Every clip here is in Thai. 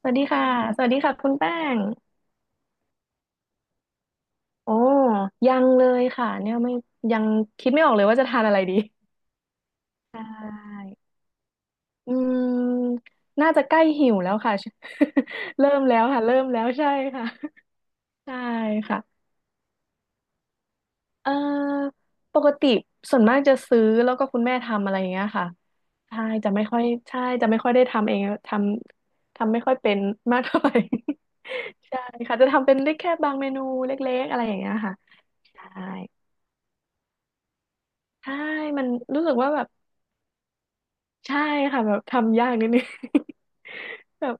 สวัสดีค่ะ สวัสดีค่ะคุณแป้งโอ้ยังเลยค่ะเนี่ยไม่ยังคิดไม่ออกเลยว่าจะทานอะไรดีใช่อืมน่าจะใกล้หิวแล้วค่ะ เริ่มแล้วค่ะเริ่มแล้วใช่ค่ะใช่ค่ะเอ่อปกติส่วนมากจะซื้อแล้วก็คุณแม่ทำอะไรอย่างเงี้ยค่ะใช่จะไม่ค่อยใช่จะไม่ค่อยได้ทำเองทำทำไม่ค่อยเป็นมากเท่าไหร่ ใช่ค่ะจะทำเป็นได้แค่บางเมนูเล็กๆอะไรอย่างเงี้ยค่ะใช่ ใช่มันรู้สึกว่าแบบใช่ค่ะแบบทำยากนิดนึง แบบ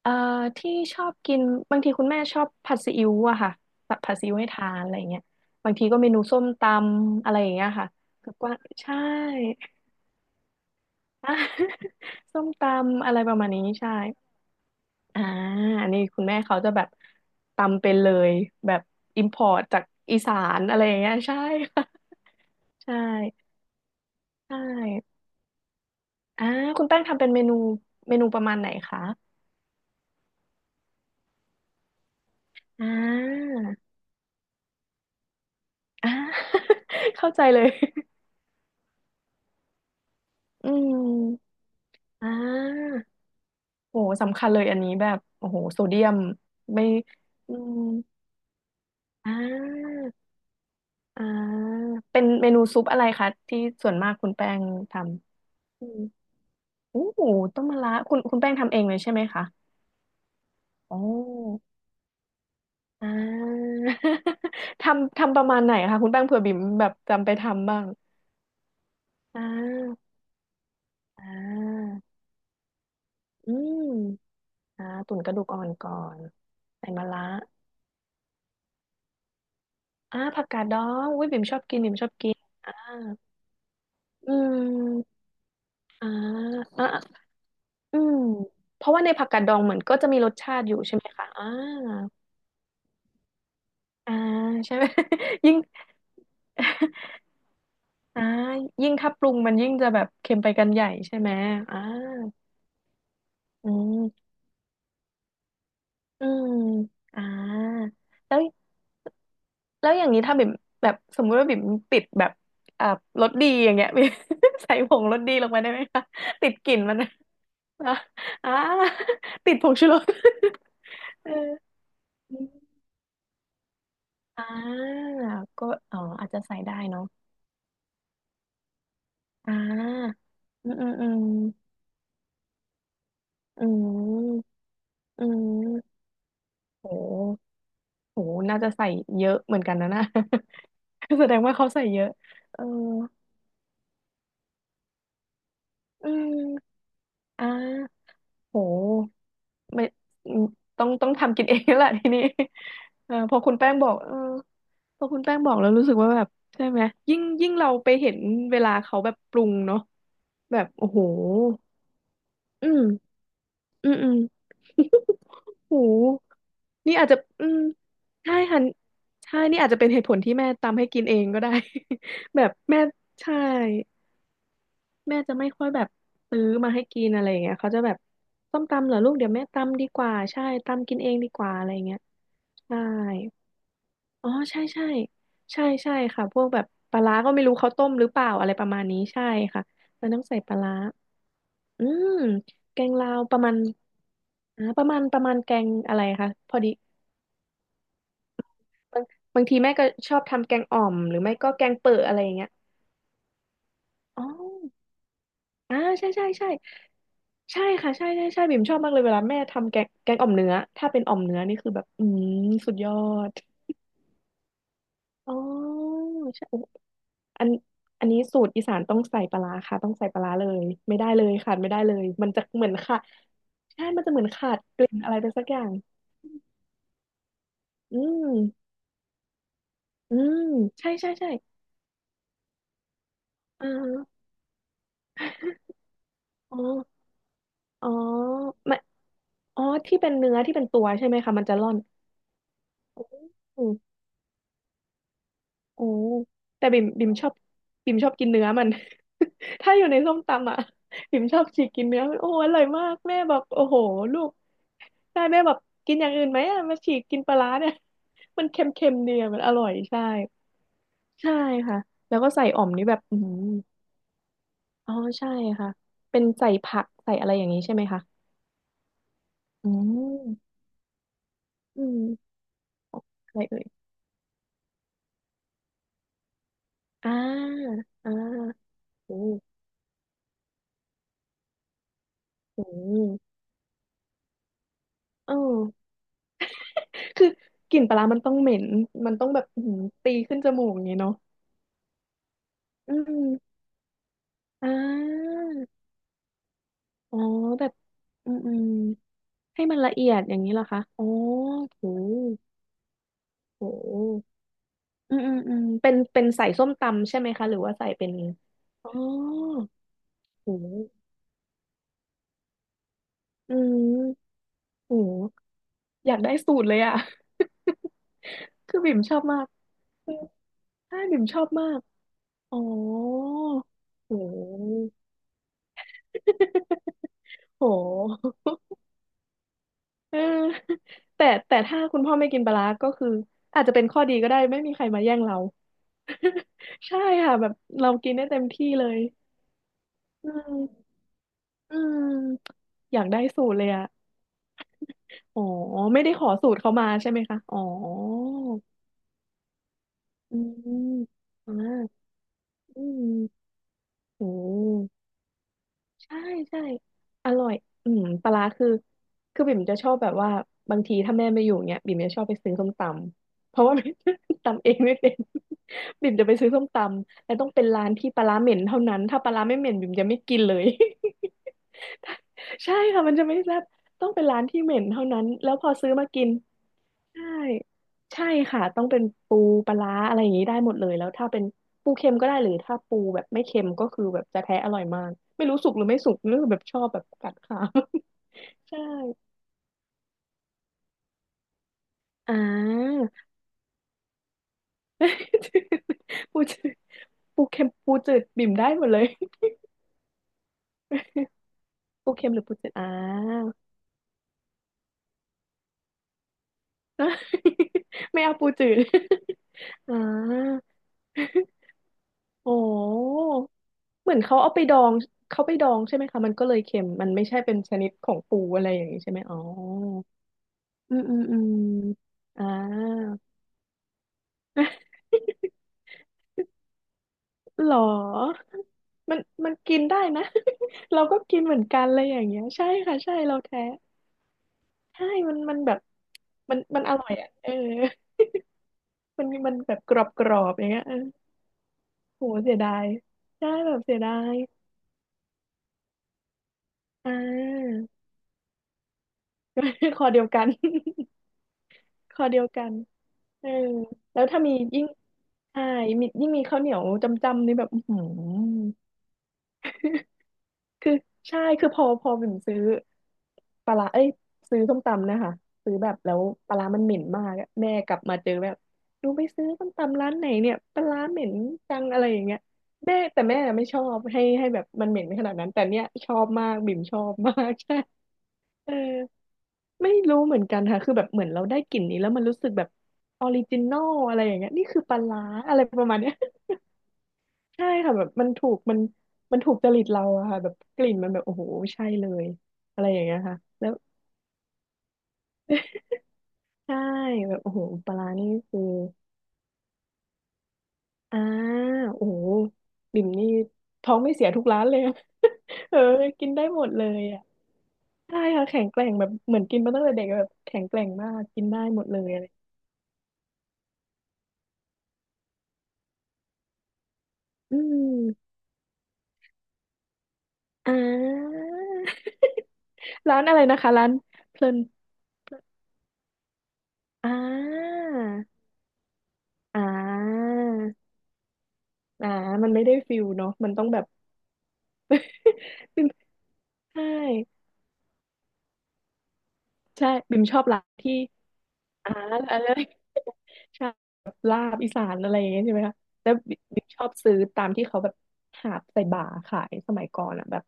เอ่อที่ชอบกินบางทีคุณแม่ชอบผัดซีอิ๊วอะค่ะแบบผัดซีอิ๊วให้ทานอะไรเงี้ยบางทีก็เมนูส้มตำอะไรอย่างเงี้ยค่ะกับกว่างใช่ อ่ะ ส้มตำอะไรประมาณนี้ใช่อ่าอันนี้คุณแม่เขาจะแบบตำเป็นเลยแบบอิมพอร์ตจากอีสานอะไรอย่างเงี้ยใช่ค่ะใช่ใช่อ่าคุณแป้งทำเป็นเมนูเมนูประมาณไหนคะ อ่าอ่า เข้าใจเลยอืมอ่าโหสำคัญเลยอันนี้แบบโอ้โหโซเดียมไม่อืมอ่าอ่าเป็นเมนูซุปอะไรคะที่ส่วนมากคุณแป้งทำอืมโอ้โหต้มมะระคุณคุณแป้งทำเองเลยใช่ไหมคะอ๋ออ่า ทำทำประมาณไหนคะคุณแป้งเผื่อบิ่มแบบจำไปทำบ้างอ่าอ่าอืม ตุ๋นกระดูกอ่อนก่อนใส่มะระผักกาดดองอุ้ยบิ่มชอบกินบิ่มชอบกินอ่าอืมอ่าอ่าอืมเพราะว่าในผักกาดดองเหมือนก็จะมีรสชาติอยู่ใช่ไหมคะอ่าใช่ไหม ยิ่ง อ่ายิ่งถ้าปรุงมันยิ่งจะแบบเค็มไปกันใหญ่ใช่ไหมอ่าอืมอืมอ่าแล้ว แล้วอย่างนี้ถ้าบิ่มแบบสมมุติว่าบิ่มติดแบบอ่ารสดีอย่างเงี้ย บิ่ม ใส่ผงรสดีลงไปได้ไหมคะติดกลิ่นมัน นะอ่ะอ่าติดผงชูรส เอออ่าก็อ๋ออาจจะใส่ได้เนาะอ่าอืมอืมอืมอืมอืมโหโหน่าจะใส่เยอะเหมือนกันนะน่ะ แสดงว่าเขาใส่เยอะเอออืมอ่าโห ไม่อืมต้องต้องทำกินเองแล้วแหละทีนี้เออพอคุณแป้งบอกเออพอคุณแป้งบอกแล้วรู้สึกว่าแบบใช่ไหมยิ่งยิ่งเราไปเห็นเวลาเขาแบบปรุงเนาะแบบโอ้โหอืมอืมอืม โอ้โหนี่อาจจะอืมใช่ค่ะใช่นี่อาจจะเป็นเหตุผลที่แม่ตามให้กินเองก็ได้ แบบแม่ใช่ แม่จะไม่ค่อยแบบซื้อมาให้กินอะไรอย่างเงี้ยเขาจะแบบส้มตำเหรอลูกเดี๋ยวแม่ตำดีกว่าใช่ตำกินเองดีกว่าอะไรอย่างเงี้ยใช่อ๋อใช่ใช่ใช่ใช่ค่ะพวกแบบปลาร้าก็ไม่รู้เขาต้มหรือเปล่าอะไรประมาณนี้ใช่ค่ะมันต้องใส่ปลาร้าอืมแกงลาวประมาณประมาณประมาณแกงอะไรคะพอดีบางบางทีแม่ก็ชอบทำแกงอ่อมหรือไม่ก็แกงเปิดอะไรอย่างเงี้ยอ๋อ ใช่ใช่ใช่ใช่ค่ะใช่ใช่ใช่บิ่มชอบมากเลยเวลาแม่ทำแกงแกงอ่อมเนื้อถ้าเป็นอ่อมเนื้อนี่คือแบบอืมสุดยอดอ๋อใช่โอ้อันอันนี้สูตรอีสานต้องใส่ปลาร้าค่ะต้องใส่ปลาร้าเลยไม่ได้เลยขาดไม่ได้เลยมันจะเหมือนค่ะใช่มันจะเหมือนขาดกลิ่นอะไรไปสักอย่างอืมอืมใช่ใช่ใช่อ่าอ๋ออ๋อไม่อ๋อที่เป็นเนื้อที่เป็นตัวใช่ไหมคะมันจะร่อนโอ้ โอ้แต่บิ่มบิ่มชอบบิ่มชอบกินเนื้อมัน ถ้าอยู่ในส้มตำอ่ะ บิ่มชอบฉีกกินเนื้อมันโอ้อร่อยมากแม่บอกโอ้โหลูกใช่แม่บอกกินอย่างอื่นไหมอ่ะมาฉีกกินปลาร้าเนี่ย มันเค็มๆดีอะมันอร่อยใช่ใช่ค่ะแล้วก็ใส่อ่อมนี่แบบอืมอหืออ๋อใช่ค่ะเป็นใส่ผักใส่อะไรอย่างนี้ใช่ไหมคะอืมอืมอะไรเอ่ยอ่าอ่าโอ้โหอืมเออ คือกลิ่นปลาร้ามันต้องเหม็นมันต้องแบบอื้อหือตีขึ้นจมูกอย่างเงี้ยเนาะอืมอ่าอ๋อแบบอืมอืมให้มันละเอียดอย่างนี้เหรอคะอ๋อโหโหอืมอืมอืมเป็นเป็นใส่ส้มตำใช่ไหมคะหรือว่าใส่เป็นอ๋อโหอืมโหอยากได้สูตรเลยอ่ะ คือบิ่มชอบมากเออใช่บิ่มชอบมากอ๋อโห โห เออ แต่แต่ถ้าคุณพ่อไม่กินปลาร้าก็คืออาจจะเป็นข้อดีก็ได้ไม่มีใครมาแย่งเรา ใช่ค่ะแบบเรากินได้เต็มที่เลยอืมอืมอยากได้สูตรเลยอ่ะอ๋อไม่ได้ขอสูตรเขามาใช่ไหมคะอ๋ออืมอ่าอืมโอ้ ใช่ใช่อร่อยอืมปลาร้าคือคือบิ่มจะชอบแบบว่าบางทีถ้าแม่ไม่อยู่เนี้ยบิ่มจะชอบไปซื้อส้มตำเพราะว่า ตำเองไม่เป็นบิ่มจะไปซื้อส้มตำแล้วต้องเป็นร้านที่ปลาร้าเหม็นเท่านั้นถ้าปลาร้าไม่เหม็นบิ่มจะไม่กินเลย ใช่ค่ะมันจะไม่แซ่บต้องเป็นร้านที่เหม็นเท่านั้นแล้วพอซื้อมากิน ใช่ใช่ค่ะต้องเป็นปูปลาร้าอะไรอย่างนี้ได้หมดเลยแล้วถ้าเป็นปูเค็มก็ได้หรือถ้าปูแบบไม่เค็มก็คือแบบจะแท้อร่อยมากไม่รู้สุกหรือไม่สุกหรือแบบชอบแบบกัดขา ใช่อ่า ปูจืดปูเค็มปูจืดบิ่มได้หมดเลยปูเค็มหรือปูจืดอ่า ไม่เอาปูจืด อ่าโอ้ เหมือนเขาเอาไปดองเขาไปดองใช่ไหมคะมันก็เลยเค็มมันไม่ใช่เป็นชนิดของปูอะไรอย่างนี้ใช่ไหมอ๋ออืมอืมอืมอ่า หรอมันมันกินได้นะ เราก็กินเหมือนกันอะไรอย่างเงี้ยใช่ค่ะใช่เราแท้ใช่มันแบบมันอร่อยอ่ะเออมันแบบกรอบกรอบอย่างเงี้ยเออโหเสียดายใช่แบบเสียดายอ่า คอเดียวกัน คอเดียวกัน เออแล้วถ้ามียิ่งใช่มียิ่งมีข้าวเหนียวจำจำนี่แบบอื้อหือคือใช่คือพอบิ่มซื้อปลาร้าเอ้ยซื้อส้มตำนะคะซื้อแบบแล้วปลาร้ามันเหม็นมากอะแม่กลับมาเจอแบบดูไปซื้อส้มตำร้านไหนเนี่ยปลาร้าเหม็นจังอะไรอย่างเงี้ยแม่แต่แม่ไม่ชอบให้ให้แบบมันเหม็นขนาดนั้นแต่เนี้ยชอบมากบิ่มชอบมาก ใช่เออ ไม่รู้เหมือนกันค่ะคือแบบเหมือนเราได้กลิ่นนี้แล้วมันรู้สึกแบบออริจินอลอะไรอย่างเงี้ยนี่คือปลาร้าอะไรประมาณเนี้ย ใช่ค่ะแบบมันถูกมันมันถูกจริตเราอะค่ะแบบกลิ่นมันแบบโอ้โหใช่เลยอะไรอย่างเงี้ยค่ะแล้วใช่แบบโอ้โหปลาร้านี่คืออ่าโอ้โหบิ่มนี่ท้องไม่เสียทุกร้านเลยอะ เออกินได้หมดเลยอ่ะใช่ค่ะแข็งแกร่งแบบเหมือนกินมาตั้งแต่เด็กแบบแข็งแกร่งมากกินได้หมดเลยอะไรอืมอ่า ร้านอะไรนะคะร้านเพลินอ่าอ่าอ่ามันไม่ได้ฟิลเนาะมันต้องแบบ บิมใช่ใช่บิมชอบร้านที่อ่าอะไร ใช่แบบลาบอีสานอะไรอย่างเงี้ยใช่ไหมคะแล้วบิมชอบซื้อตามที่เขาแบบหาบใส่บ่าขายสมัยก่อนอ่ะแบบ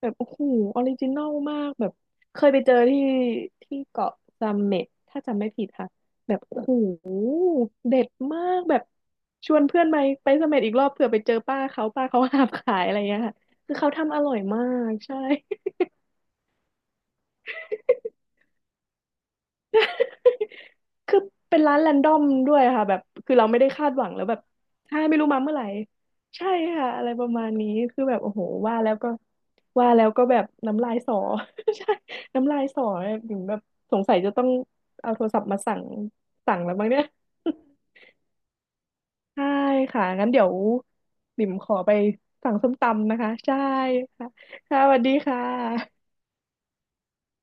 แบบโอ้โหออริจินอลมากแบบเคยไปเจอที่ที่เกาะซัมเม็ตถ้าจำไม่ผิดค่ะแบบโอ้โหเด็ดมากแบบชวนเพื่อนไปไปซัมเม็ตอีกรอบเผื่อไปเจอป้าเขาป้าเขาหาบขายอะไรเงี้ยค่ะคือเขาทำอร่อยมากใช่ คือเป็นร้านแรนดอมด้วยค่ะแบบคือเราไม่ได้คาดหวังแล้วแบบใช่ไม่รู้มาเมื่อไหร่ใช่ค่ะอะไรประมาณนี้คือแบบโอ้โหว่าแล้วก็ว่าแล้วก็แบบน้ำลายสอ ใช่น้ำลายสอเนี่ยถึงแบบสงสัยจะต้องเอาโทรศัพท์มาสั่งสั่งแล้วมั้งเนี่ย ใช่ค่ะงั้นเดี๋ยวบิ่มขอไปสั่งส้มตำนะคะใช่ค่ะค่ะสวัสดีค่ะ